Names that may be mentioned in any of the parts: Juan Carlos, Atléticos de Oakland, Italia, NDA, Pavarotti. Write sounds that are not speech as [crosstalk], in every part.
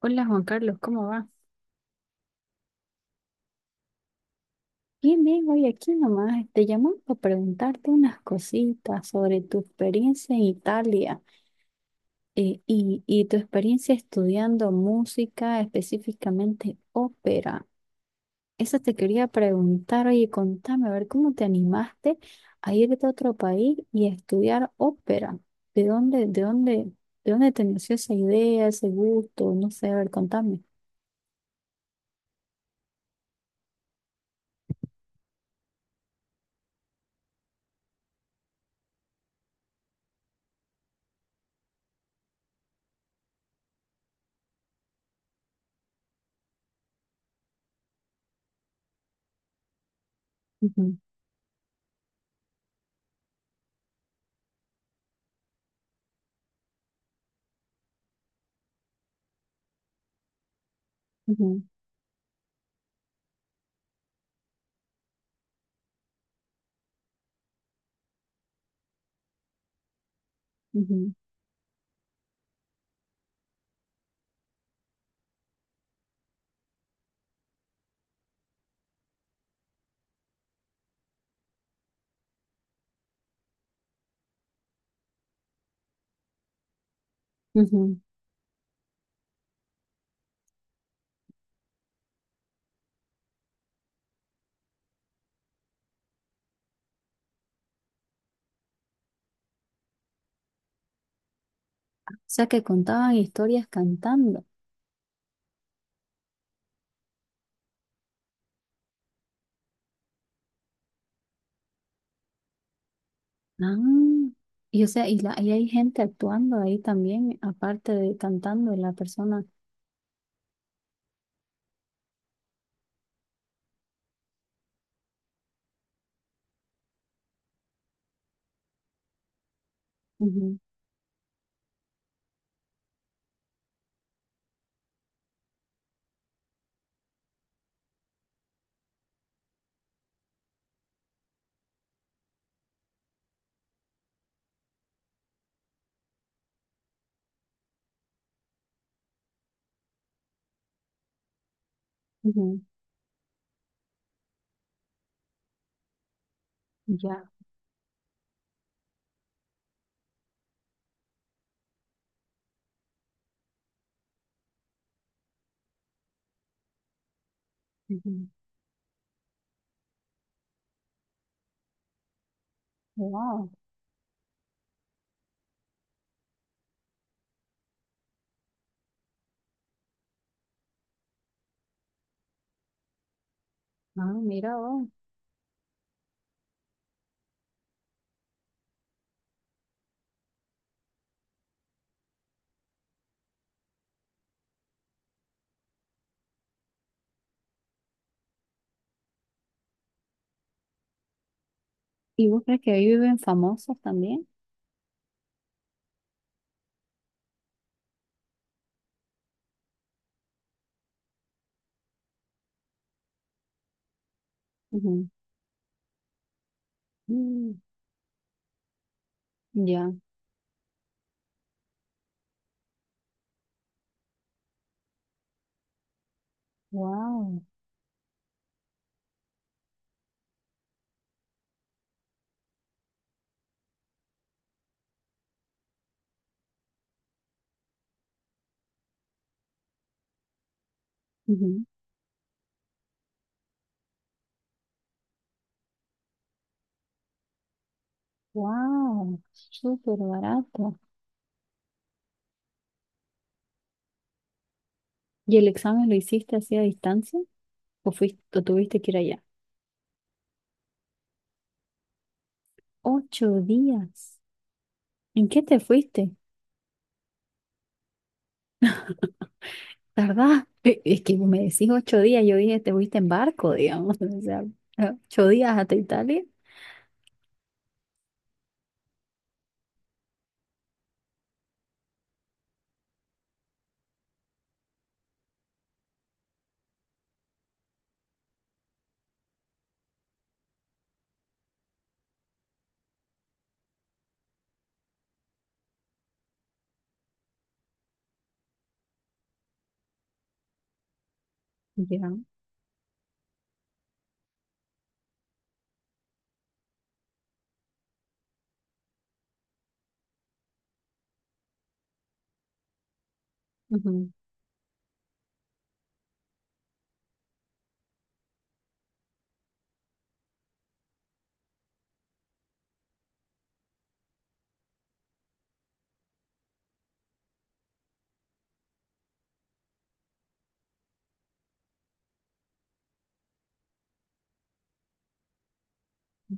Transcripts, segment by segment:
Hola Juan Carlos, ¿cómo va? Bien, bien, hoy aquí nomás te llamamos para preguntarte unas cositas sobre tu experiencia en Italia y tu experiencia estudiando música, específicamente ópera. Eso te quería preguntar, oye, contame, a ver, ¿cómo te animaste a irte a otro país y a estudiar ópera? ¿De dónde, de dónde, de dónde te nació esa idea, ese gusto? No sé, a ver, contame. Ujú, ujú, ujú, ujú, sea, que contaban historias cantando. Ah, y o sea, y, la, y hay gente actuando ahí también, aparte de cantando la persona. Ujú, ujú, ya. Ujú. Wow. Ah, mira vos. ¿Y vos crees que ahí viven famosos también? Ujú. Mm, ya. Wow. Ujú. Wow. Súper barato. ¿Y el examen lo hiciste así a distancia? ¿O fuiste, o tuviste que ir allá? Ocho días. ¿En qué te fuiste? ¿Verdad? Es que me decís ocho días, yo dije, te fuiste en barco, digamos, [laughs] o sea, ocho días hasta Italia. Ya.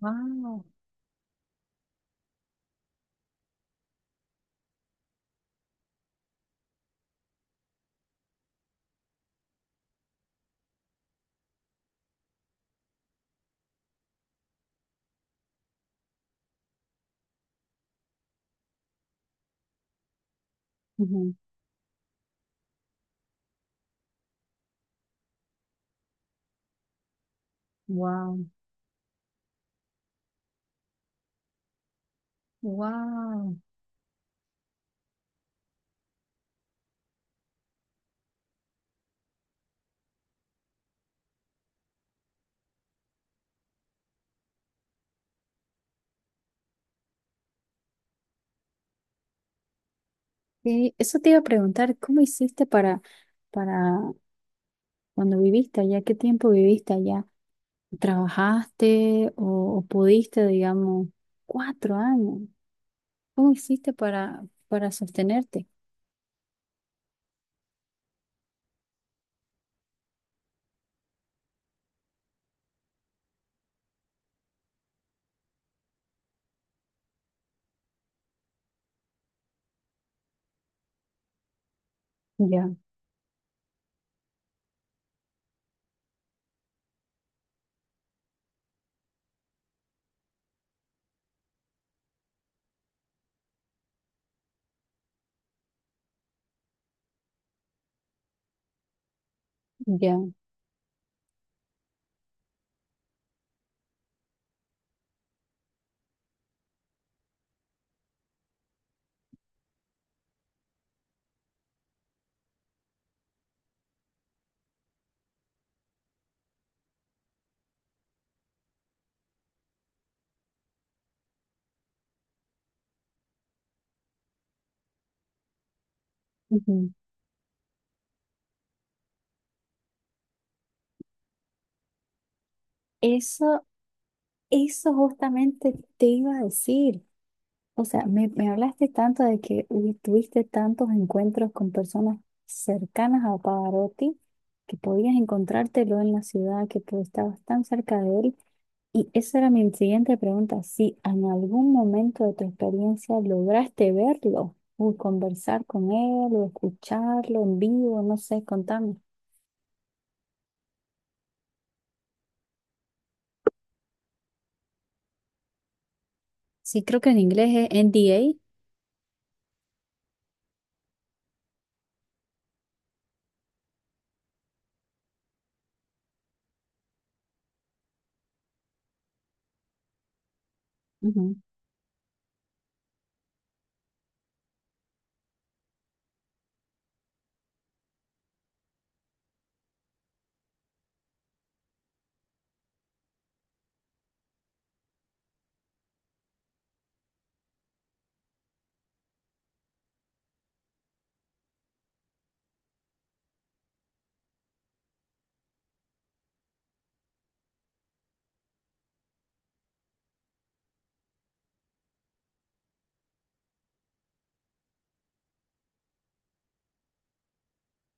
Wow. Wow. Wow. Eso te iba a preguntar, ¿cómo hiciste para cuando viviste allá? ¿Qué tiempo viviste allá? ¿Trabajaste o pudiste, digamos, cuatro años? ¿Cómo hiciste para sostenerte? Ya, ya. Ujú. Eso, eso justamente te iba a decir. O sea, me hablaste tanto de que tuviste tantos encuentros con personas cercanas a Pavarotti que podías encontrártelo en la ciudad, que tú estabas tan cerca de él. Y esa era mi siguiente pregunta, si en algún momento de tu experiencia lograste verlo, o conversar con él, o escucharlo en vivo, no sé, contame. Sí, creo que en inglés es NDA. Ujú. O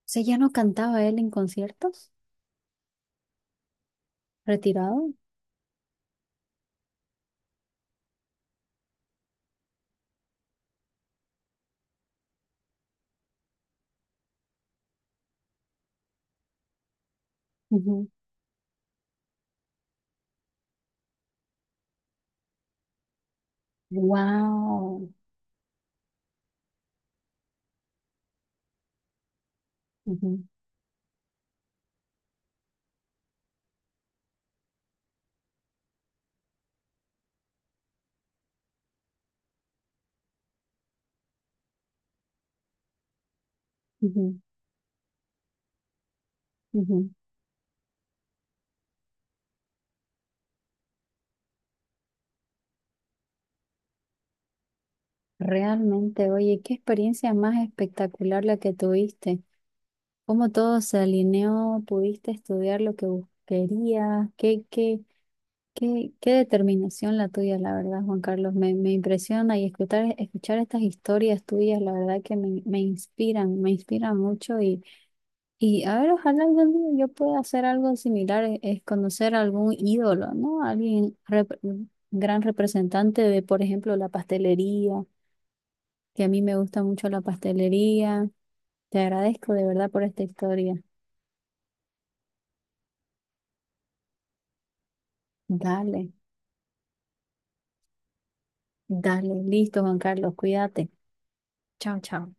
sea, ¿ya no cantaba él en conciertos? ¿Retirado? Wow. Ujú, ujú. Realmente, oye, qué experiencia más espectacular la que tuviste. Cómo todo se alineó, pudiste estudiar lo que querías, qué determinación la tuya, la verdad, Juan Carlos. Me impresiona y escuchar, escuchar estas historias tuyas, la verdad que me inspiran, me inspiran mucho. Y a ver, ojalá algún día yo pueda hacer algo similar, es conocer algún ídolo, ¿no? Alguien gran representante de, por ejemplo, la pastelería que a mí me gusta mucho la pastelería. Te agradezco de verdad por esta historia. Dale, dale, listo, Juan Carlos, cuídate. Chao, chao.